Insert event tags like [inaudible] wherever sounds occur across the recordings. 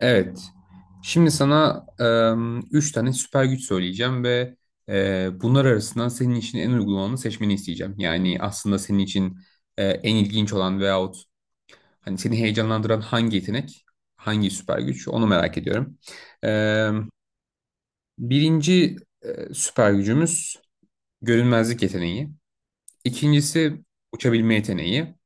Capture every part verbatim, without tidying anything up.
Evet. Şimdi sana em, üç tane süper güç söyleyeceğim ve e, bunlar arasından senin için en uygun olanı seçmeni isteyeceğim. Yani aslında senin için e, en ilginç olan veyahut hani seni heyecanlandıran hangi yetenek, hangi süper güç onu merak ediyorum. Em, Birinci e, süper gücümüz görünmezlik yeteneği. İkincisi uçabilme yeteneği.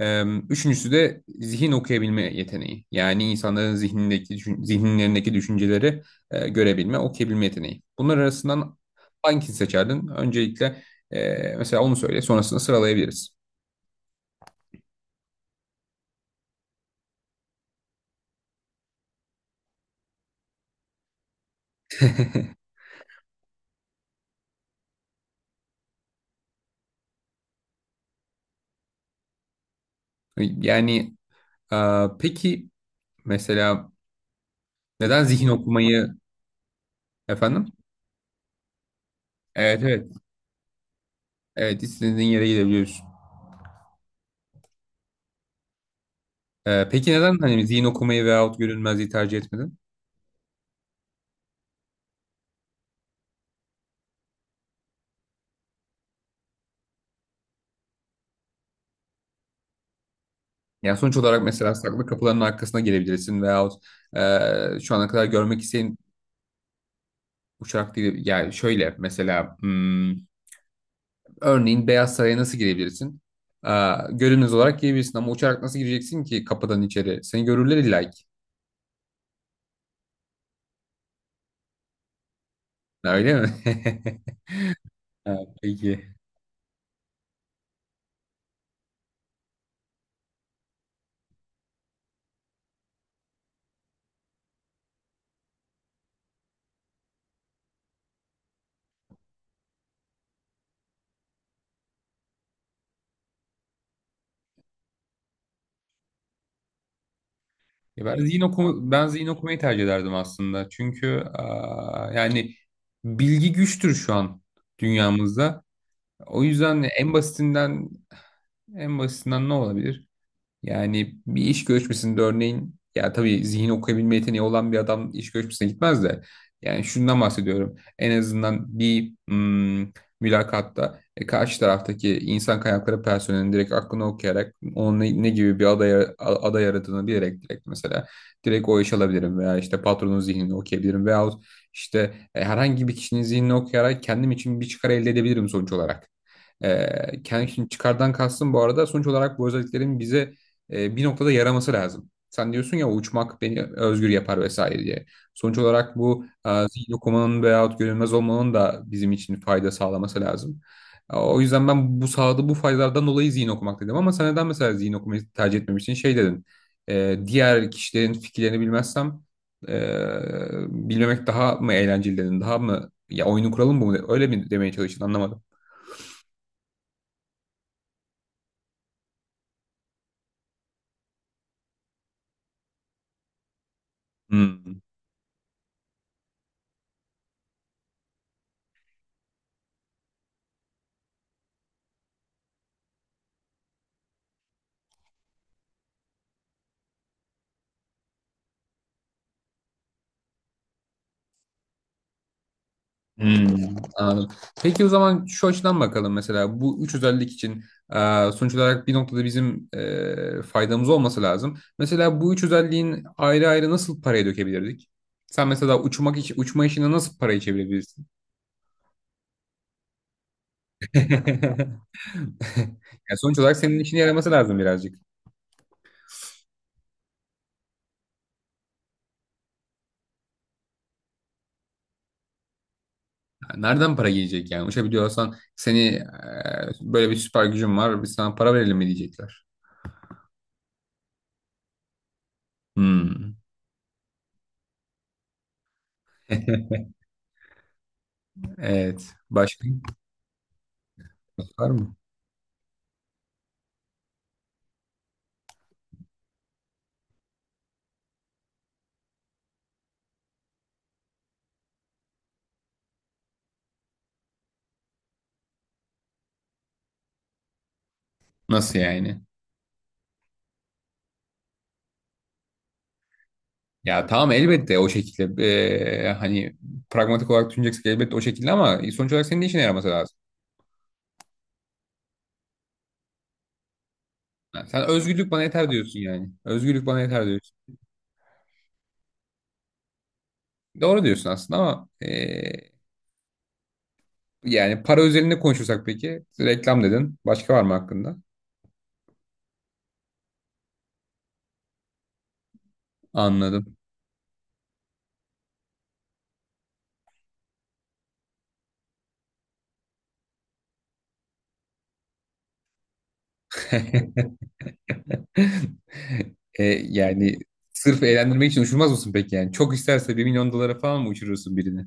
Ee, Üçüncüsü de zihin okuyabilme yeteneği. Yani insanların zihnindeki, düşün- zihinlerindeki düşünceleri e, görebilme, okuyabilme yeteneği. Bunlar arasından hangisini seçerdin? Öncelikle e, mesela onu söyle, sonrasında sıralayabiliriz. [laughs] Yani e, peki mesela neden zihin okumayı efendim? Evet, evet. Evet, istediğin yere gidebiliyorsun. E, peki neden hani zihin okumayı veyahut görünmezliği tercih etmedin? Yani sonuç olarak mesela saklı kapıların arkasına girebilirsin veyahut e, şu ana kadar görmek isteyen uçak değil. Yani şöyle mesela hmm, örneğin Beyaz Saray'a nasıl girebilirsin? E, Görünüz olarak girebilirsin ama uçarak nasıl gireceksin ki kapıdan içeri? Seni görürler illa ki. Öyle mi? [laughs] Ha, peki. Ya Ben zihin okuma, ben zihin okumayı tercih ederdim aslında. Çünkü aa, yani bilgi güçtür şu an dünyamızda. O yüzden en basitinden en basitinden ne olabilir? Yani bir iş görüşmesinde örneğin, ya tabii zihin okuyabilme yeteneği olan bir adam iş görüşmesine gitmez de yani şundan bahsediyorum. En azından bir hmm, mülakatta, e, karşı taraftaki insan kaynakları personelinin direkt aklını okuyarak onun ne, ne gibi bir aday, a- aday aradığını bilerek, direkt mesela direkt o iş alabilirim veya işte patronun zihnini okuyabilirim veyahut işte e, herhangi bir kişinin zihnini okuyarak kendim için bir çıkar elde edebilirim sonuç olarak. E, kendim için çıkardan kastım bu arada, sonuç olarak bu özelliklerin bize e, bir noktada yaraması lazım. Sen diyorsun ya, uçmak beni özgür yapar vesaire diye. Sonuç olarak bu e, zihin okumanın veyahut görünmez olmanın da bizim için fayda sağlaması lazım. E, O yüzden ben bu sağladığı bu faydalardan dolayı zihin okumak dedim, ama sen neden mesela zihin okumayı tercih etmemişsin? Şey dedin, e, diğer kişilerin fikirlerini bilmezsem e, bilmemek daha mı eğlenceli dedin, daha mı, ya oyunun kuralı mı bu, öyle mi demeye çalıştın, anlamadım. Hmm. Hmm, anladım. Peki o zaman şu açıdan bakalım, mesela bu üç özellik için e, sonuç olarak bir noktada bizim e, faydamız olması lazım. Mesela bu üç özelliğin ayrı ayrı nasıl paraya dökebilirdik? Sen mesela uçmak iş, uçma işine nasıl parayı çevirebilirsin? [laughs] Yani sonuç olarak senin işine yaraması lazım birazcık. Yani nereden para gelecek yani? Uçabiliyorsan, seni, e, böyle bir süper gücün var, biz sana para verelim mi diyecekler. Hmm, evet. Başka var mı? Nasıl yani? Ya tamam, elbette o şekilde eee, hani pragmatik olarak düşüneceksin elbette o şekilde, ama sonuç olarak senin de işine yaraması lazım. Ha, sen özgürlük bana yeter diyorsun yani. Özgürlük bana yeter diyorsun. Doğru diyorsun aslında ama eee, yani para üzerinde konuşursak, peki reklam dedin. Başka var mı hakkında? Anladım. [laughs] E, yani sırf eğlendirmek için uçurmaz mısın peki yani? Çok isterse bir milyon dolara falan mı uçurursun birini?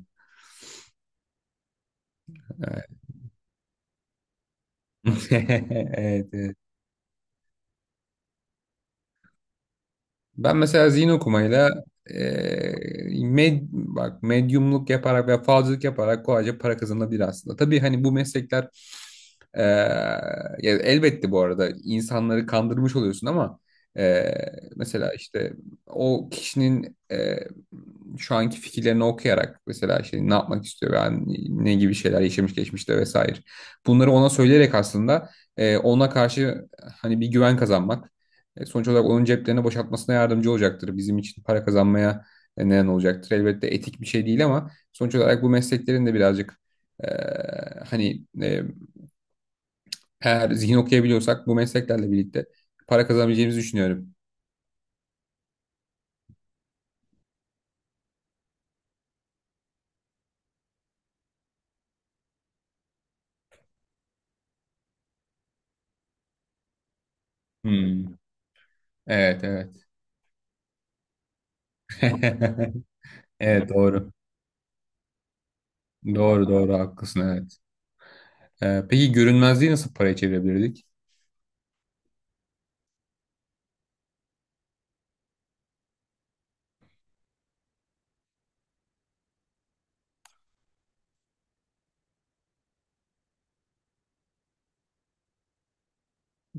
Evet. [laughs] Evet, evet. Ben mesela zihin okumayla eee, med, bak, medyumluk yaparak veya falcılık yaparak kolayca para kazanabilir aslında. Tabii hani bu meslekler, eee, ya elbette bu arada insanları kandırmış oluyorsun ama eee, mesela işte o kişinin eee, şu anki fikirlerini okuyarak, mesela şey ne yapmak istiyor yani, ne gibi şeyler yaşamış geçmişte vesaire. Bunları ona söyleyerek aslında, eee, ona karşı hani bir güven kazanmak, e, sonuç olarak onun ceplerini boşaltmasına yardımcı olacaktır. Bizim için para kazanmaya e, neden olacaktır. Elbette etik bir şey değil ama sonuç olarak bu mesleklerin de birazcık, e, hani, e, eğer zihin okuyabiliyorsak bu mesleklerle birlikte para kazanabileceğimizi düşünüyorum. Hmm. Evet, evet. [laughs] Evet, doğru. Doğru, doğru. Haklısın, evet. E, peki görünmezliği nasıl paraya çevirebilirdik?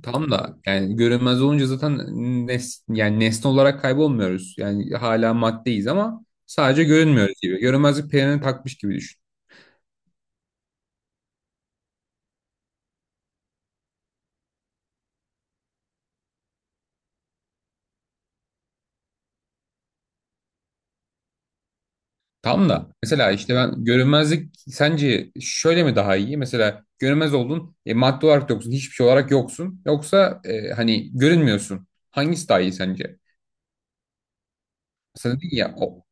Tam da yani, görünmez olunca zaten nes yani nesne olarak kaybolmuyoruz. Yani hala maddeyiz ama sadece görünmüyoruz gibi. Görünmezlik pelerini takmış gibi düşün. Tam da mesela işte, ben görünmezlik sence şöyle mi daha iyi? Mesela görünmez oldun, e, madde olarak yoksun, hiçbir şey olarak yoksun. Yoksa e, hani görünmüyorsun. Hangisi daha iyi sence? Mesela dedin ya, o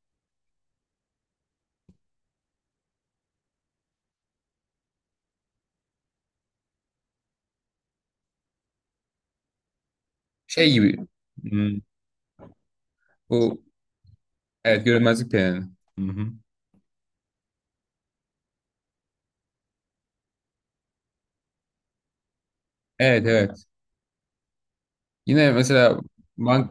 şey gibi. Hmm, bu, evet, görünmezlik pelerini. Hı hı. Evet, evet. Yine mesela bank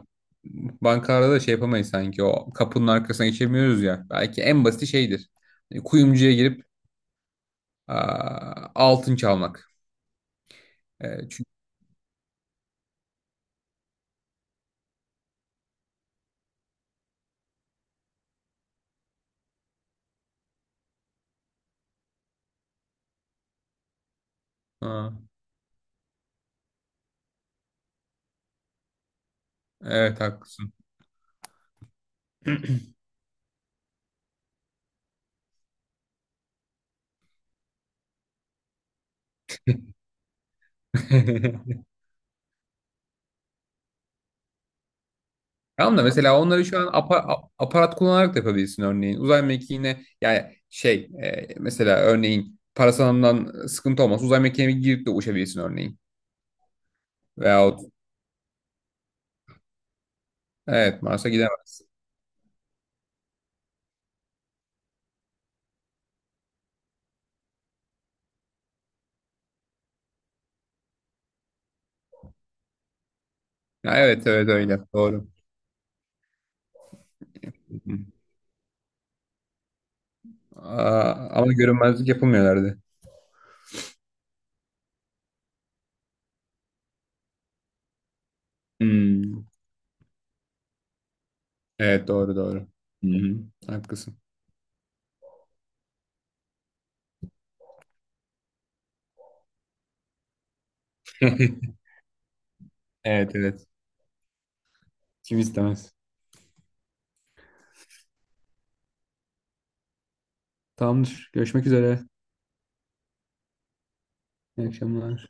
bankalarda da şey yapamayız sanki, o kapının arkasına geçemiyoruz ya. Belki en basiti şeydir. Hani kuyumcuya girip aa, altın çalmak. E, çünkü Ha, evet haklısın. [laughs] Tamam da mesela onları şu an apa- a- aparat kullanarak da yapabilirsin örneğin. Uzay mekiğine yani şey e, mesela örneğin parasanından sıkıntı olmaz. Uzay mekiğine girip de uçabilirsin örneğin. Veyahut, evet, Mars'a gidemezsin. Ya evet, evet, öyle doğru. [laughs] Aa, ama görünmezlik yapamıyorlardı. Hmm. Evet, doğru, doğru. Hı hı. Haklısın. [laughs] Evet, evet. Kim istemez. Tamamdır. Görüşmek üzere. İyi akşamlar.